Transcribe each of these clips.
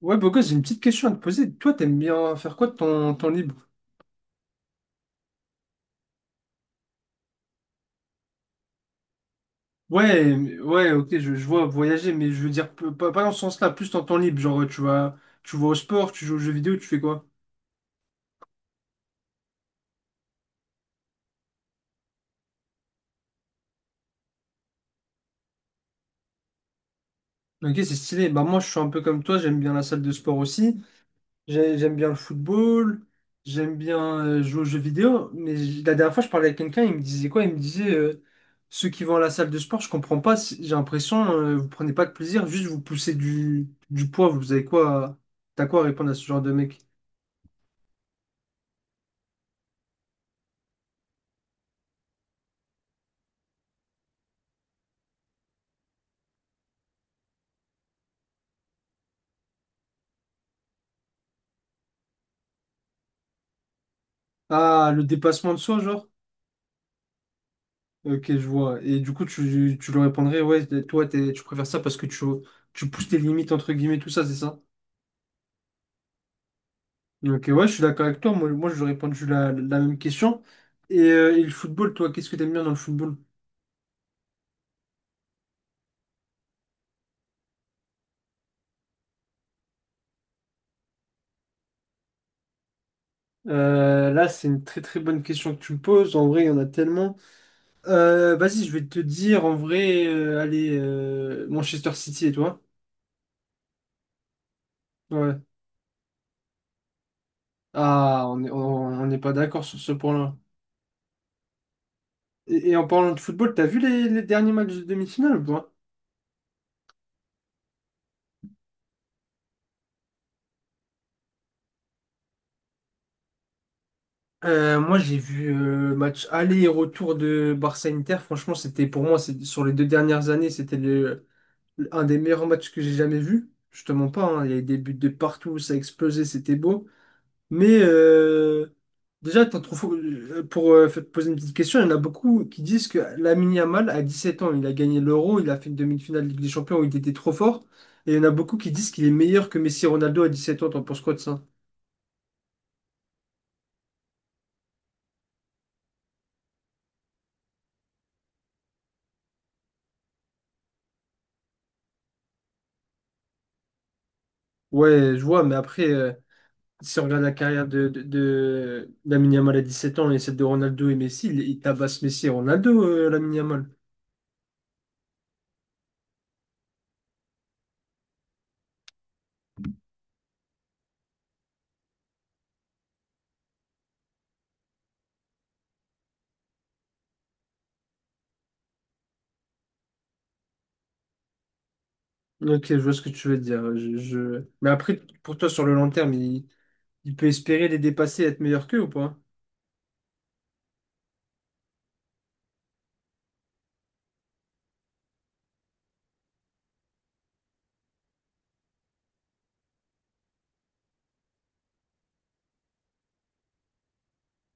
Ouais, Bogos, j'ai une petite question à te poser. Toi, t'aimes bien faire quoi de ton temps libre? Ouais, ouais, ok, je vois voyager, mais je veux dire, pas dans ce sens-là, plus dans ton temps libre. Genre, tu vas au sport, tu joues aux jeux vidéo, tu fais quoi? Ok, c'est stylé. Bah, moi, je suis un peu comme toi, j'aime bien la salle de sport aussi. J'aime bien le football, j'aime bien jouer aux jeux vidéo, mais la dernière fois, je parlais avec quelqu'un, il me disait quoi? Il me disait, ceux qui vont à la salle de sport, je comprends pas, j'ai l'impression, vous prenez pas de plaisir, juste vous poussez du poids, vous avez quoi, t'as quoi à répondre à ce genre de mec? Ah, le dépassement de soi, genre? Ok, je vois. Et du coup, tu leur répondrais, ouais, toi, tu préfères ça parce que tu pousses tes limites, entre guillemets, tout ça, c'est ça? Ok, ouais, je suis d'accord avec toi. Moi, j'aurais répondu la même question. Et, le football, toi, qu'est-ce que t'aimes bien dans le football? Là, c'est une très très bonne question que tu me poses. En vrai, il y en a tellement. Vas-y, je vais te dire, en vrai, allez, Manchester City et toi? Ouais. Ah, on n'est pas d'accord sur ce point-là. Et en parlant de football, t'as vu les derniers matchs de demi-finale ou pas? Moi, j'ai vu match aller et retour de Barça-Inter. Franchement, c'était pour moi, sur les deux dernières années, un des meilleurs matchs que j'ai jamais vu. Je te mens pas, hein, il y a eu des buts de partout, ça a explosé, c'était beau. Mais déjà, t'en trouves, pour te poser une petite question, il y en a beaucoup qui disent que Lamine Yamal, à 7 ans, il a gagné l'Euro, il a fait une demi-finale de Ligue des Champions où il était trop fort. Et il y en a beaucoup qui disent qu'il est meilleur que Messi et Ronaldo à 17 ans. T'en penses quoi de ça? Ouais, je vois, mais après, si on regarde la carrière de Lamine Yamal à 7 ans et celle de Ronaldo et Messi, il tabasse Messi et Ronaldo, Lamine Yamal. Ok, je vois ce que tu veux dire. Mais après, pour toi, sur le long terme, il peut espérer les dépasser et être meilleur qu'eux ou pas?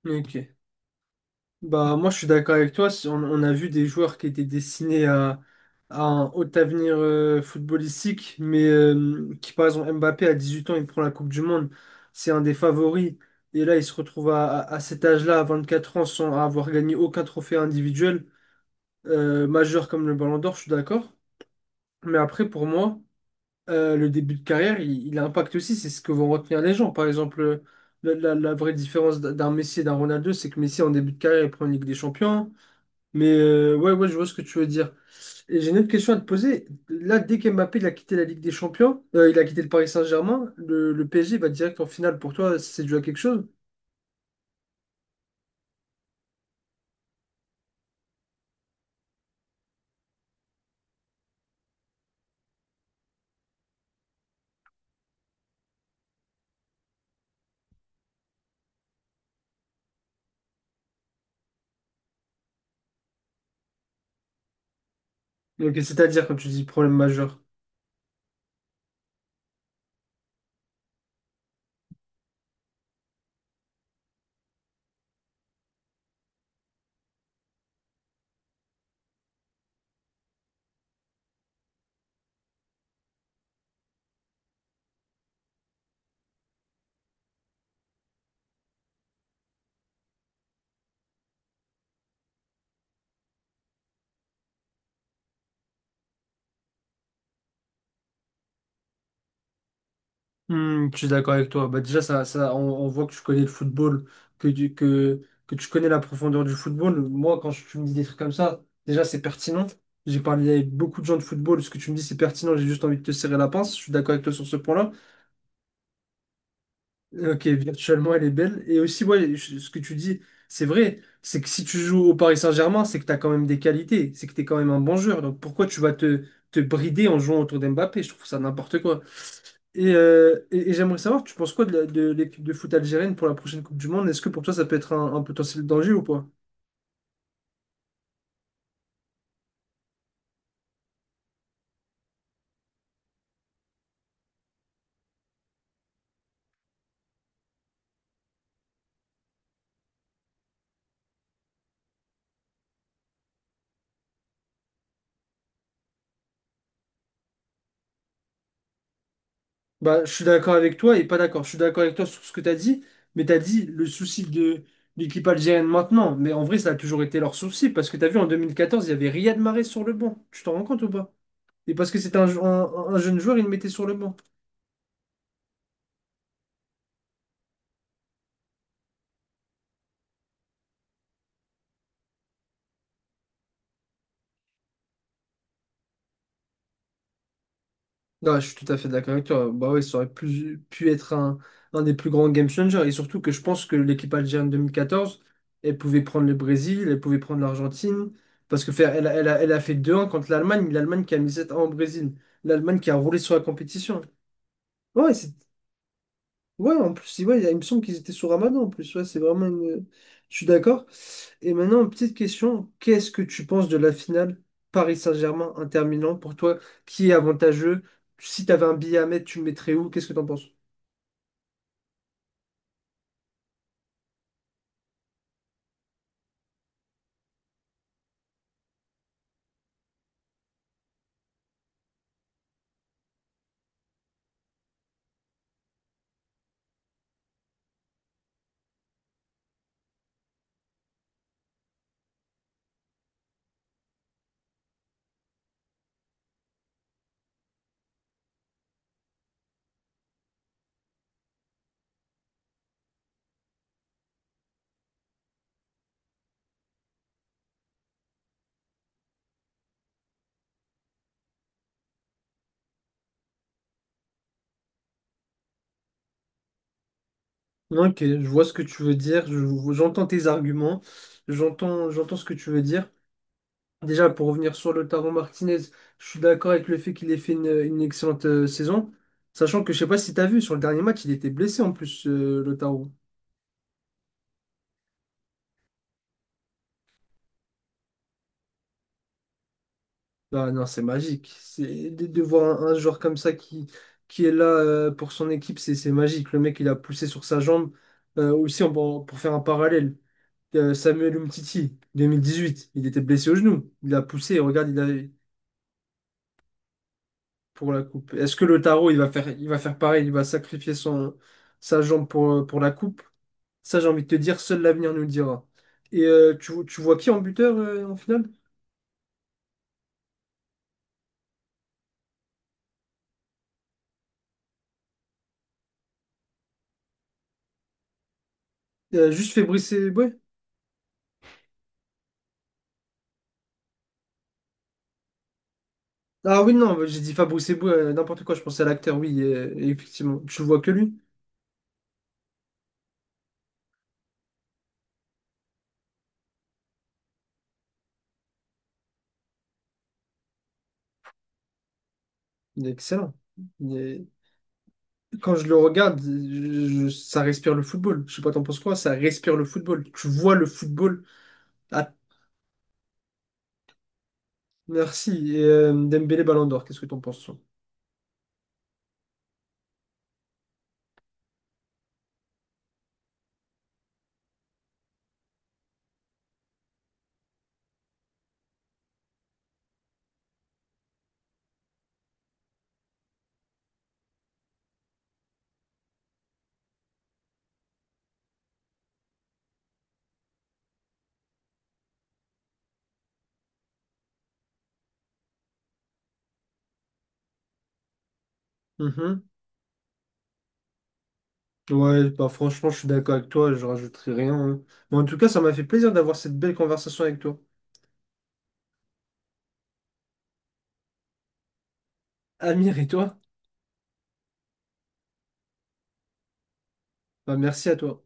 Ok. Bah, moi, je suis d'accord avec toi. Si on a vu des joueurs qui étaient destinés à un haut avenir footballistique, mais qui, par exemple, Mbappé, à 18 ans, il prend la Coupe du Monde. C'est un des favoris. Et là, il se retrouve à cet âge-là, à 4 ans, sans avoir gagné aucun trophée individuel, majeur comme le Ballon d'Or, je suis d'accord. Mais après, pour moi, le début de carrière, il impacte aussi, c'est ce que vont retenir les gens. Par exemple, la vraie différence d'un Messi et d'un Ronaldo, c'est que Messi, en début de carrière, il prend une Ligue des Champions. Mais ouais, ouais, je vois ce que tu veux dire. Et j'ai une autre question à te poser. Là, dès qu'Mbappé il a quitté la Ligue des Champions, il a quitté le Paris Saint-Germain, le PSG va direct en finale. Pour toi, c'est dû à quelque chose? Donc, c'est-à-dire, quand tu dis problème majeur. Hmm, je suis d'accord avec toi. Bah, déjà, ça, on voit que tu connais le football, que tu, que, que tu connais la profondeur du football. Moi, quand tu me dis des trucs comme ça, déjà, c'est pertinent. J'ai parlé avec beaucoup de gens de football. Ce que tu me dis, c'est pertinent. J'ai juste envie de te serrer la pince. Je suis d'accord avec toi sur ce point-là. Ok, virtuellement, elle est belle. Et aussi, ouais, ce que tu dis, c'est vrai. C'est que si tu joues au Paris Saint-Germain, c'est que tu as quand même des qualités. C'est que tu es quand même un bon joueur. Donc, pourquoi tu vas te brider en jouant autour d'Mbappé? Je trouve ça n'importe quoi. Et, j'aimerais savoir, tu penses quoi de de l'équipe de foot algérienne pour la prochaine Coupe du Monde? Est-ce que pour toi ça peut être un potentiel danger ou pas? Bah, je suis d'accord avec toi et pas d'accord. Je suis d'accord avec toi sur ce que tu as dit, mais tu as dit le souci de l'équipe algérienne maintenant. Mais en vrai, ça a toujours été leur souci parce que tu as vu en 2014, il y avait Riyad Mahrez sur le banc. Tu t'en rends compte ou pas? Et parce que c'était un jeune joueur, il le mettait sur le banc. Non, je suis tout à fait d'accord avec toi. Bah ouais, ça aurait pu être un des plus grands game changers. Et surtout que je pense que l'équipe algérienne 2014, elle pouvait prendre le Brésil, elle pouvait prendre l'Argentine. Parce que faire, elle a fait deux 1 contre l'Allemagne, l'Allemagne qui a mis 7 un au Brésil, l'Allemagne qui a roulé sur la compétition. Ouais, ouais, en plus, ouais, il me semble qu'ils étaient sous Ramadan en plus. Ouais, c'est vraiment une. Je suis d'accord. Et maintenant, petite question. Qu'est-ce que tu penses de la finale Paris Saint-Germain, Inter Milan pour toi? Qui est avantageux? Si tu avais un billet à mettre, tu le mettrais où? Qu'est-ce que tu en penses? Ok, je vois ce que tu veux dire. J'entends tes arguments. J'entends ce que tu veux dire. Déjà, pour revenir sur Lautaro Martinez, je suis d'accord avec le fait qu'il ait fait une excellente saison. Sachant que je sais pas si tu as vu, sur le dernier match, il était blessé en plus, Lautaro. Ah non, c'est magique. C'est de voir un joueur comme ça qui est là pour son équipe, c'est magique. Le mec, il a poussé sur sa jambe. Aussi, pour faire un parallèle, Samuel Umtiti, 2018, il était blessé au genou. Il a poussé, regarde, il a pour la coupe. Est-ce que Lautaro, il va faire pareil, il va sacrifier sa jambe pour la coupe? Ça, j'ai envie de te dire, seul l'avenir nous le dira. Et tu vois qui en buteur en finale? Juste Fabrice Eboué? Ah oui, non, j'ai dit Fabrice Eboué, n'importe quoi, je pensais à l'acteur, oui, et effectivement. Je vois que lui. Il est excellent. Il est- Quand je le regarde, ça respire le football. Je sais pas, t'en penses quoi? Ça respire le football. Tu vois le football. Ah, merci. Et Dembélé Ballon d'Or, qu'est-ce que t'en penses, toi? Mhm. Ouais, bah franchement, je suis d'accord avec toi, je rajouterai rien, hein. Mais en tout cas, ça m'a fait plaisir d'avoir cette belle conversation avec toi. Amir et toi, bah merci à toi.